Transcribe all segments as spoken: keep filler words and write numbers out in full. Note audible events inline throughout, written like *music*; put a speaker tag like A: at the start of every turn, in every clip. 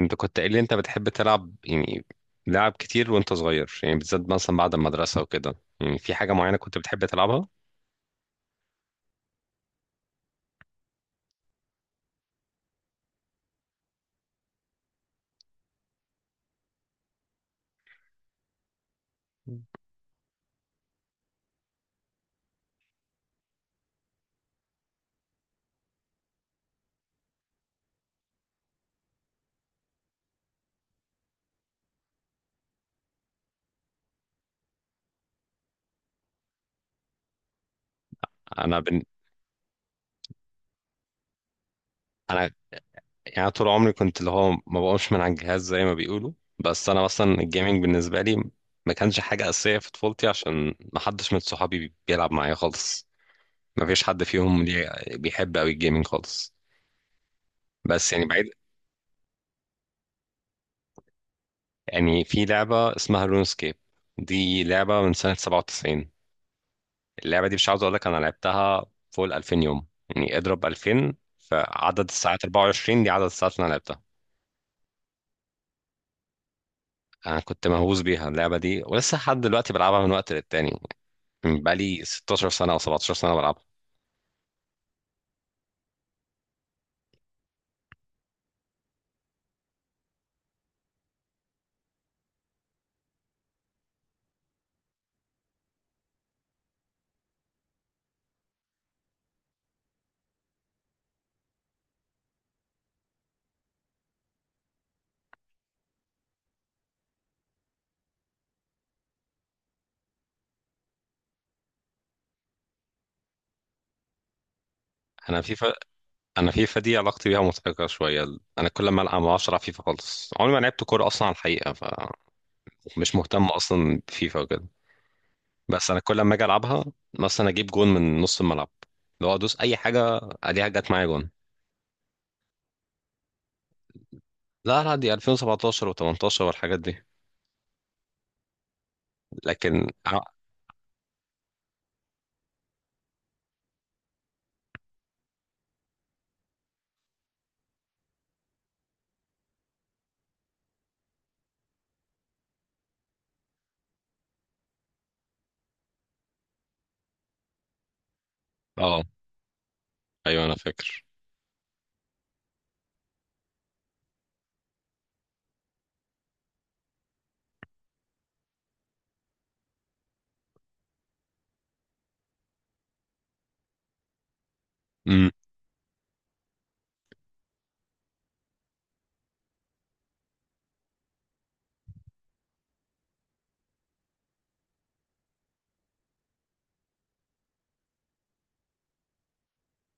A: انت كنت قايل لي انت بتحب تلعب، يعني لعب كتير وانت صغير؟ يعني بالذات مثلا بعد المدرسة وكده، يعني في حاجة معينة كنت بتحب تلعبها؟ انا بن... انا، يعني طول عمري كنت اللي هو ما بقومش من على الجهاز زي ما بيقولوا. بس انا مثلا الجيمنج بالنسبة لي ما كانش حاجة أساسية في طفولتي، عشان ما حدش من صحابي بيلعب معايا خالص. ما فيش حد فيهم ليه بيحب قوي الجيمنج خالص. بس يعني بعيد. يعني في لعبة اسمها لونسكيب، دي لعبة من سنة سبعة وتسعين. اللعبة دي مش عاوز اقول لك انا لعبتها فوق ال ألفين يوم. يعني اضرب ألفين فعدد الساعات أربع وعشرين، دي عدد الساعات اللي انا لعبتها. انا كنت مهووس بيها اللعبة دي، ولسه لحد دلوقتي بلعبها من وقت للتاني، من بقالي ستاشر سنة او سبعتاشر سنة بلعبها. انا فيفا، انا فيفا دي علاقتي بيها مضحكة شوية. انا كل ما العب ما اعرفش العب فيفا خالص. عمري ما لعبت كورة اصلا على الحقيقة، فمش مهتم اصلا بفيفا وكده. بس انا كل ما اجي العبها مثلا اجيب جون من نص الملعب، لو ادوس اي حاجة اديها جت معايا جون. لا، لا، دي ألفين وسبعة عشر و18 والحاجات دي. لكن اه آه، ايوه انا فاكر. امم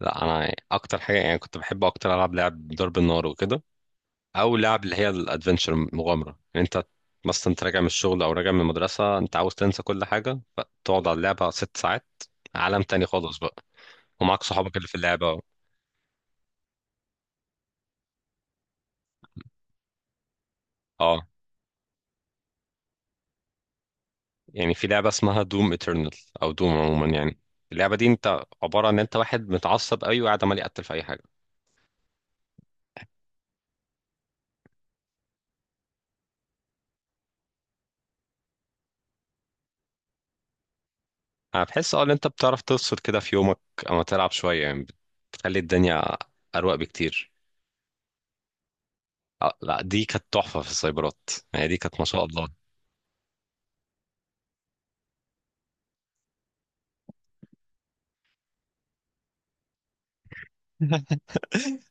A: لا، انا اكتر حاجه يعني كنت بحب اكتر العب لعب ضرب النار وكده، او لعب اللي هي الادفنتشر مغامره. يعني انت مثلا، انت راجع من الشغل او راجع من المدرسه، انت عاوز تنسى كل حاجه فتقعد على اللعبه ست ساعات، عالم تاني خالص بقى، ومعاك صحابك اللي في اللعبه. اه. يعني في لعبه اسمها دوم ايترنال، او دوم عموما يعني. اللعبه دي انت عباره عن ان انت واحد متعصب قوي وقاعد عمال يقتل في اي حاجه. انا بحس اه ان انت بتعرف تفصل كده في يومك، اما تلعب شويه يعني، بتخلي الدنيا اروق بكتير. آه، لا، دي كانت تحفه في السايبرات. يعني دي كانت ما شاء الله.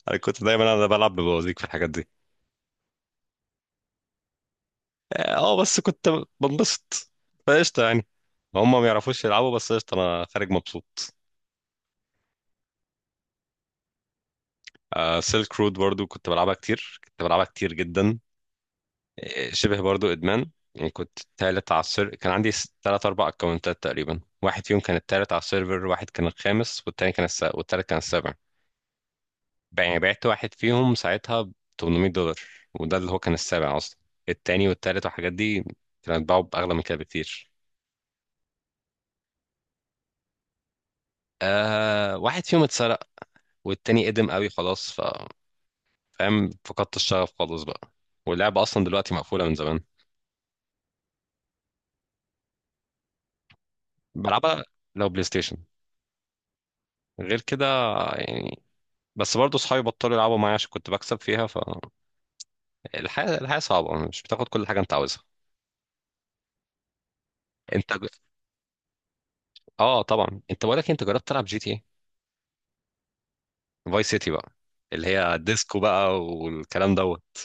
A: انا كنت دايما انا بلعب ببوازيك في الحاجات دي. اه، آه، بس كنت بنبسط، فقشطه يعني. هم ما يعرفوش يلعبوا، بس قشطه انا خارج مبسوط. آه سيلك رود برضو كنت بلعبها كتير، كنت بلعبها كتير جدا. شبه برضو ادمان يعني. كنت تالت على السيرفر، كان عندي س- تلات اربع اكونتات تقريبا. واحد فيهم كان التالت على السيرفر، واحد كان الخامس، والتاني كان الس... والتالت كان السابع. بع- يعني بعت واحد فيهم ساعتها ب تمنمية دولار، وده اللي هو كان السابع اصلا. التاني والتالت والحاجات دي كانوا بيتباعوا باغلى من كده بكتير. آه، واحد فيهم اتسرق، والتاني قدم قوي خلاص، ف فاهم، فقدت الشغف خالص بقى. واللعبة اصلا دلوقتي مقفولة من زمان. بلعبها لو بلاي ستيشن، غير كده يعني. بس برضه صحابي بطلوا يلعبوا معايا عشان كنت بكسب فيها. فالحياة، الحياة صعبة، مش بتاخد كل حاجة انت عاوزها. انت ج- اه طبعا، انت بقولك انت جربت تلعب جي تي ايه فاي سيتي بقى، اللي هي ديسكو بقى والكلام دوت.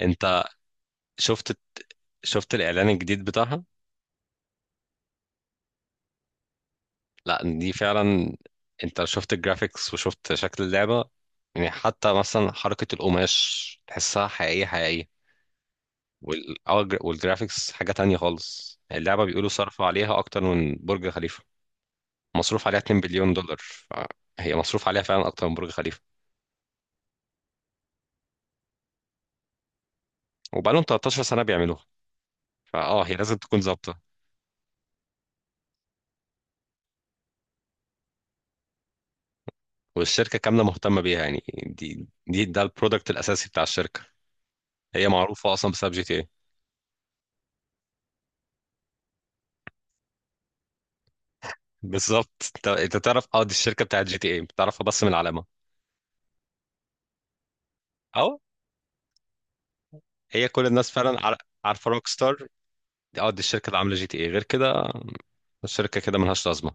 A: انت شفت شفت الاعلان الجديد بتاعها؟ لا، دي فعلا. انت شفت الجرافيكس وشفت شكل اللعبة؟ يعني حتى مثلا حركة القماش تحسها حقيقية حقيقية. وال... اه، والجرافيكس حاجة تانية خالص. اللعبة بيقولوا صرفوا عليها أكتر من برج خليفة. مصروف عليها اتنين بليون دولار، فهي مصروف عليها فعلا اكتر من برج خليفه. وبقالهم تلتاشر سنه بيعملوها، فاه هي لازم تكون ظابطه. والشركه كامله مهتمه بيها. يعني دي دي ده البرودكت الاساسي بتاع الشركه. هي معروفه اصلا بسبب جي تي اي. بالظبط، انت أنت تعرف، اه دي الشركه بتاعت جي تي اي، بتعرفها بس من العلامه. اه. هي كل الناس فعلا عار- عارفه روك ستار. اه دي الشركه اللي عامله جي تي اي، غير كده الشركه كده ملهاش لازمه.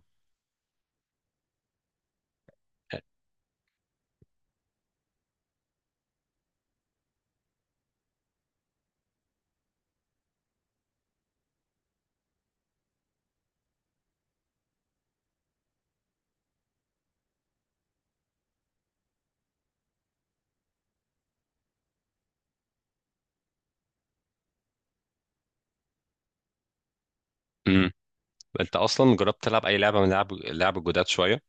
A: امم. انت اصلا جربت تلعب اي لعبه من لعب لعب الجداد شويه؟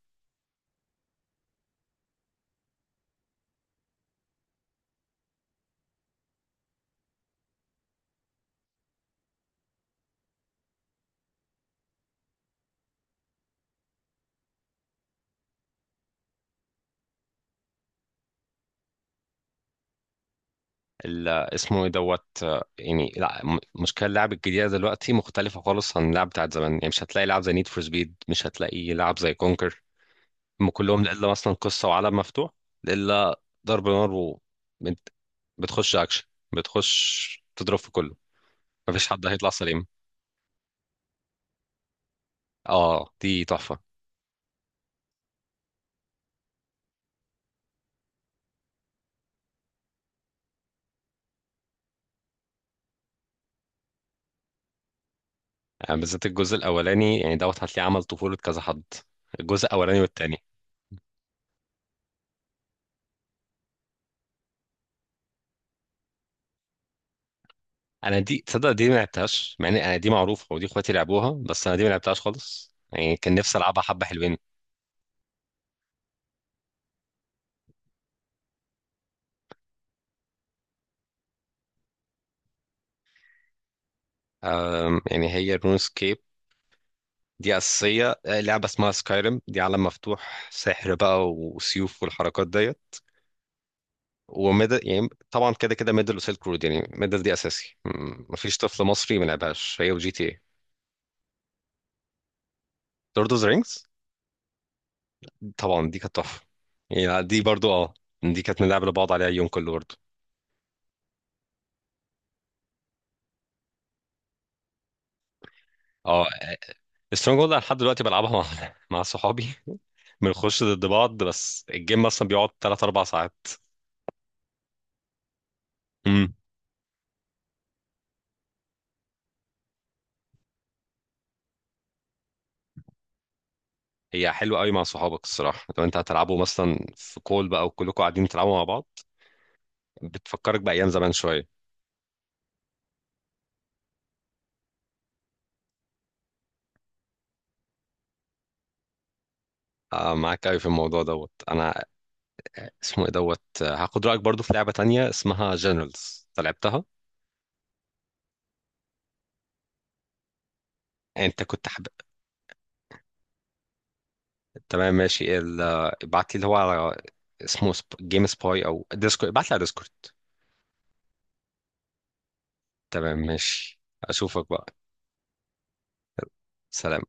A: ال- اسمه ايه دوت، آه، يعني لا م- مشكله اللعب الجديده دلوقتي مختلفه خالص عن اللعب بتاعت زمان. يعني مش هتلاقي لعب زي نيد فور سبيد، مش هتلاقي لعب زي كونكر. هم كلهم الا مثلا قصه وعالم مفتوح، الا ضرب نار و بت- بتخش اكشن، بتخش تضرب في كله، مفيش حد هيطلع سليم. اه، دي تحفه. يعني بالذات الجزء الاولاني، يعني دوت هتلاقيه عمل طفوله كذا حد، الجزء الاولاني والتاني. انا دي تصدق دي ما لعبتهاش، مع ان انا دي معروفه ودي اخواتي لعبوها، بس انا دي ما لعبتهاش خالص. يعني كان نفسي العبها، حبه حلوين. أم، يعني هي رون سكيب دي اساسيه. آه، لعبه اسمها سكايرم، دي عالم مفتوح سحر بقى وسيوف والحركات ديت. وميدل، يعني طبعا كده كده، ميدل وسيلك رود. يعني ميدل دي اساسي، م- مفيش طفل مصري ما لعبهاش، هي وجي تي اي. لورد اوف ذا رينجز. طبعا دي كانت تحفه. يعني دي برضو اه دي كانت بنلعب لبعض عليها يوم كله برضو. اه، سترونج هولد، أنا لحد دلوقتي بلعبها مع *laughs* مع صحابي. بنخش ضد بعض، بس الجيم مثلا بيقعد ثلاثة أربعة ساعات. امم. هي حلوه قوي مع صحابك الصراحه. لو انت هتلعبوا مثلا في كول بقى وكلكم قاعدين تلعبوا مع بعض، بتفكرك بايام زمان شويه. آه معاك قوي في الموضوع دوت. انا اسمه ايه دوت، آه، هاخد رايك برضو في لعبه تانية اسمها جنرالز، انت لعبتها؟ انت كنت حب... تمام ماشي ال... ابعت لي اللي هو على، اسمه سب... جيم سباي او ديسكورد، ابعت لي على ديسكورد. تمام ماشي، اشوفك بقى. سلام.